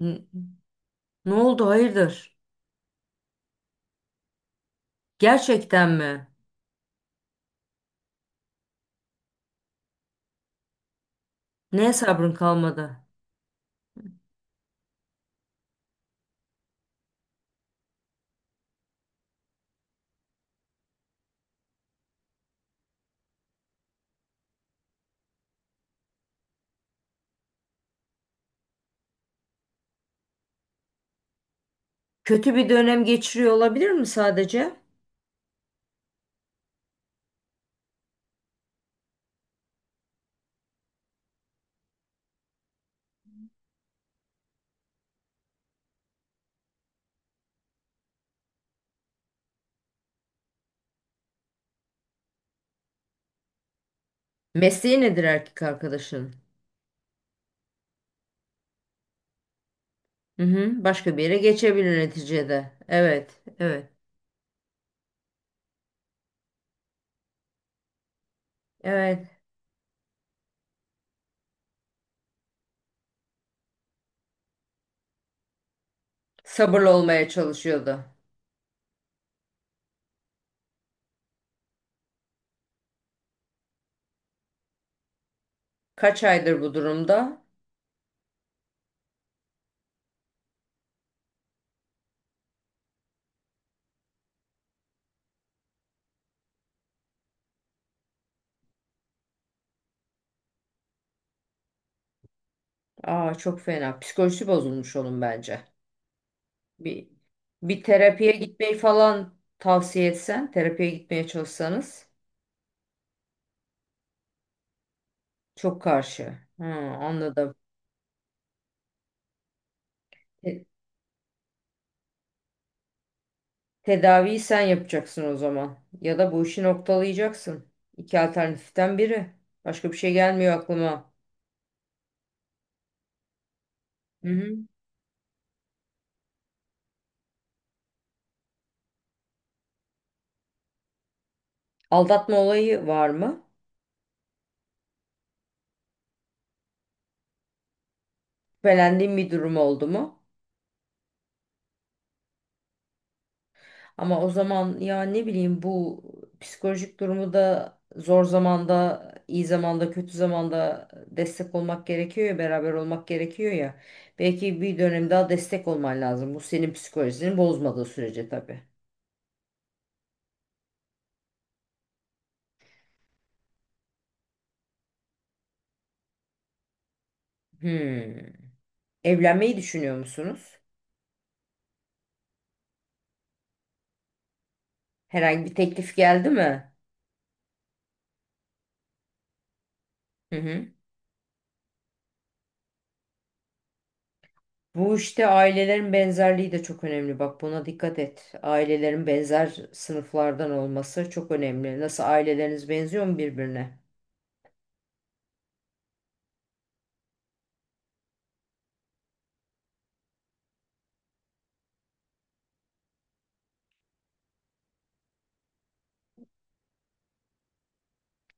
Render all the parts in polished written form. N- Ne oldu hayırdır? Gerçekten mi? Neye sabrın kalmadı? Kötü bir dönem geçiriyor olabilir mi sadece? Mesleği nedir erkek arkadaşın? Hı hı, başka bir yere geçebilir neticede. Evet, evet, evet. Sabırlı olmaya çalışıyordu. Kaç aydır bu durumda? Aa çok fena. Psikolojisi bozulmuş onun bence. Bir, bir terapiye gitmeyi falan tavsiye etsen, terapiye gitmeye çalışsanız çok karşı. Hı, anladım. E, Tedaviyi sen yapacaksın o zaman. Ya da bu işi noktalayacaksın. İki alternatiften biri. Başka bir şey gelmiyor aklıma. Hı hı. Aldatma olayı var mı? Şüphelendiğin bir durum oldu mu? Ama o zaman ya ne bileyim bu psikolojik durumu da zor zamanda, iyi zamanda, kötü zamanda destek olmak gerekiyor ya, beraber olmak gerekiyor ya. Belki bir dönem daha destek olman lazım. Bu senin psikolojini bozmadığı sürece tabii. Hmm. Evlenmeyi düşünüyor musunuz? Herhangi bir teklif geldi mi? Hı hı. Bu işte ailelerin benzerliği de çok önemli. Bak buna dikkat et. Ailelerin benzer sınıflardan olması çok önemli. Nasıl aileleriniz benziyor mu birbirine?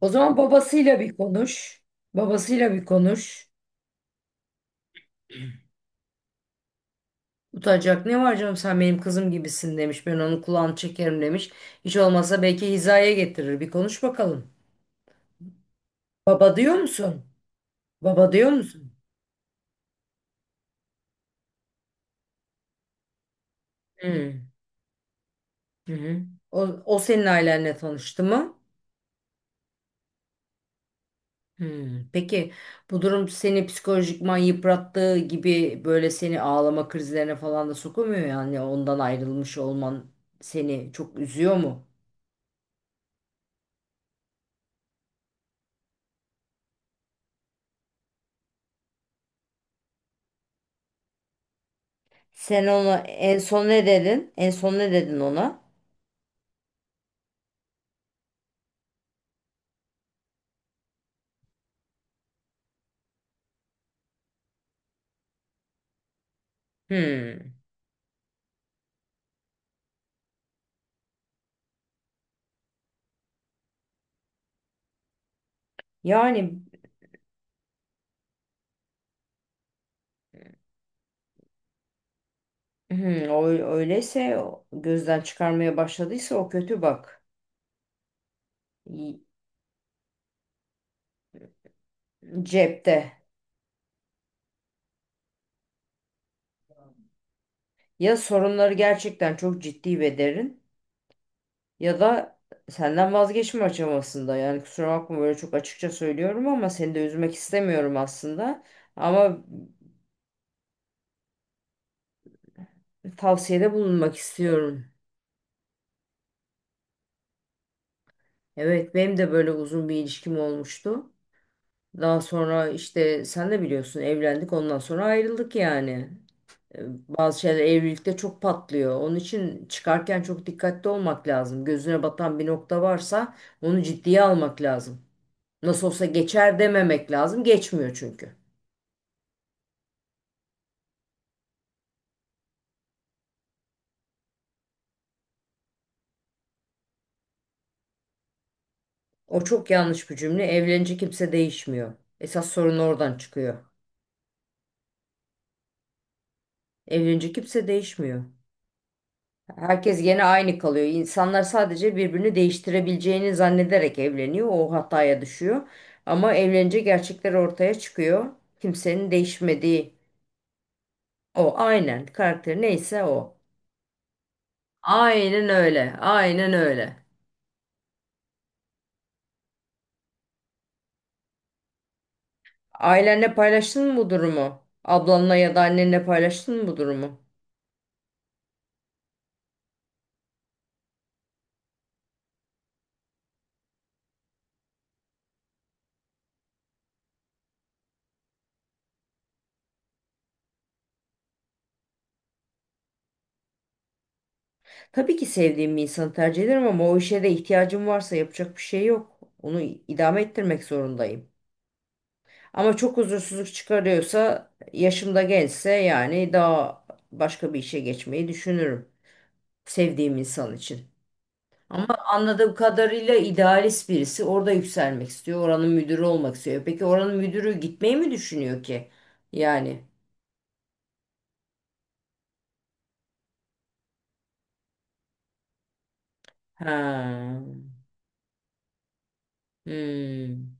O zaman babasıyla bir konuş. Babasıyla bir konuş. Utanacak ne var canım, sen benim kızım gibisin demiş. Ben onun kulağını çekerim demiş. Hiç olmazsa belki hizaya getirir. Bir konuş bakalım. Baba diyor musun? Baba diyor musun? Hı hı. Hı. O, o senin ailenle tanıştı mı? Hmm. Peki bu durum seni psikolojikman yıprattığı gibi böyle seni ağlama krizlerine falan da sokamıyor yani ondan ayrılmış olman seni çok üzüyor mu? Sen ona en son ne dedin? En son ne dedin ona? Hmm. Yani hmm, öyleyse gözden çıkarmaya başladıysa o kötü bak. Y- Cepte. Ya sorunları gerçekten çok ciddi ve derin, ya da senden vazgeçme aşamasında. Yani kusura bakma böyle çok açıkça söylüyorum ama seni de üzmek istemiyorum aslında. Ama tavsiyede bulunmak istiyorum. Evet, benim de böyle uzun bir ilişkim olmuştu. Daha sonra işte sen de biliyorsun, evlendik ondan sonra ayrıldık yani. E, Bazı şeyler evlilikte çok patlıyor. Onun için çıkarken çok dikkatli olmak lazım. Gözüne batan bir nokta varsa onu ciddiye almak lazım. Nasıl olsa geçer dememek lazım. Geçmiyor çünkü. O çok yanlış bir cümle. Evlenince kimse değişmiyor. Esas sorun oradan çıkıyor. Evlenince kimse değişmiyor. Herkes gene aynı kalıyor. İnsanlar sadece birbirini değiştirebileceğini zannederek evleniyor. O hataya düşüyor. Ama evlenince gerçekler ortaya çıkıyor. Kimsenin değişmediği o. Aynen. Karakter neyse o. Aynen öyle. Aynen öyle. Ailenle paylaştın mı bu durumu? Ablanla ya da annenle paylaştın mı bu durumu? Tabii ki sevdiğim bir insanı tercih ederim ama o işe de ihtiyacım varsa yapacak bir şey yok. Onu idame ettirmek zorundayım. Ama çok huzursuzluk çıkarıyorsa, yaşımda gençse yani daha başka bir işe geçmeyi düşünürüm sevdiğim insan için. Ama anladığım kadarıyla idealist birisi, orada yükselmek istiyor, oranın müdürü olmak istiyor. Peki oranın müdürü gitmeyi mi düşünüyor ki? Yani. Ha. Hmm.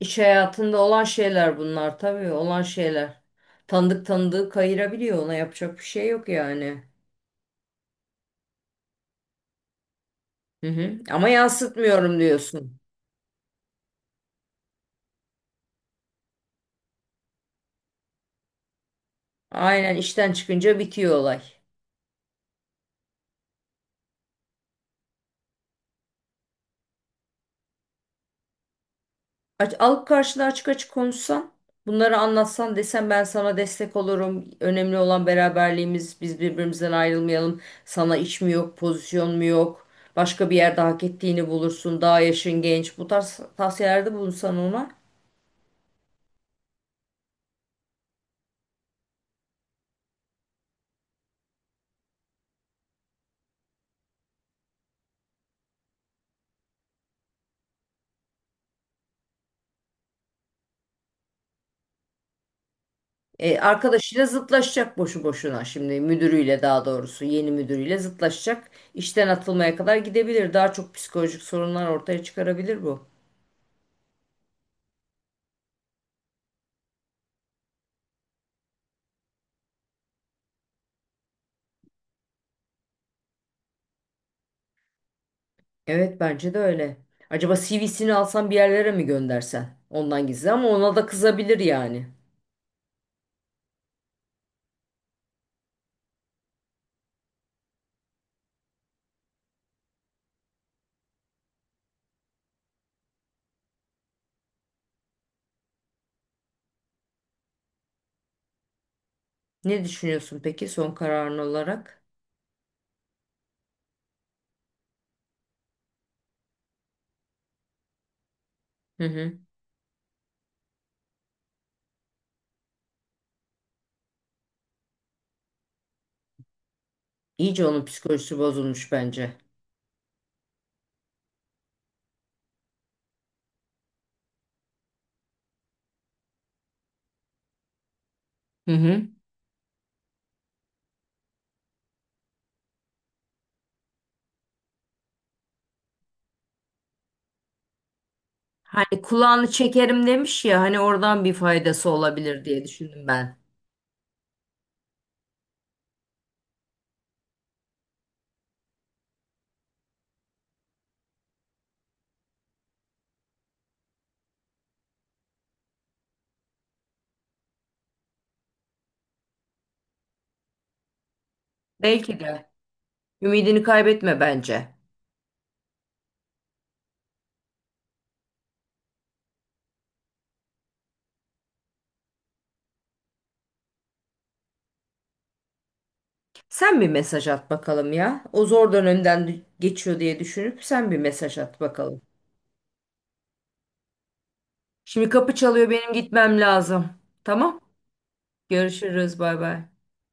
İş hayatında olan şeyler bunlar, tabii olan şeyler. Tanıdığı kayırabiliyor, ona yapacak bir şey yok yani. Hı hı. Ama yansıtmıyorum diyorsun. Aynen, işten çıkınca bitiyor olay. Aç, alıp karşına açık açık konuşsan, bunları anlatsan, desen ben sana destek olurum. Önemli olan beraberliğimiz. Biz birbirimizden ayrılmayalım. Sana iş mi yok, pozisyon mu yok? Başka bir yerde hak ettiğini bulursun. Daha yaşın genç. Bu tarz tavsiyelerde bulunsan ona. Arkadaşıyla zıtlaşacak boşu boşuna, şimdi müdürüyle, daha doğrusu yeni müdürüyle zıtlaşacak. İşten atılmaya kadar gidebilir. Daha çok psikolojik sorunlar ortaya çıkarabilir bu. Evet bence de öyle. Acaba CV'sini alsan bir yerlere mi göndersen? Ondan gizli ama ona da kızabilir yani. Ne düşünüyorsun peki son kararın olarak? Hı hı. İyice onun psikolojisi bozulmuş bence. Hı hı. Hani kulağını çekerim demiş ya, hani oradan bir faydası olabilir diye düşündüm ben. Belki de. Ümidini kaybetme bence. Sen bir mesaj at bakalım ya. O zor dönemden geçiyor diye düşünüp sen bir mesaj at bakalım. Şimdi kapı çalıyor, benim gitmem lazım. Tamam. Görüşürüz, bay bay.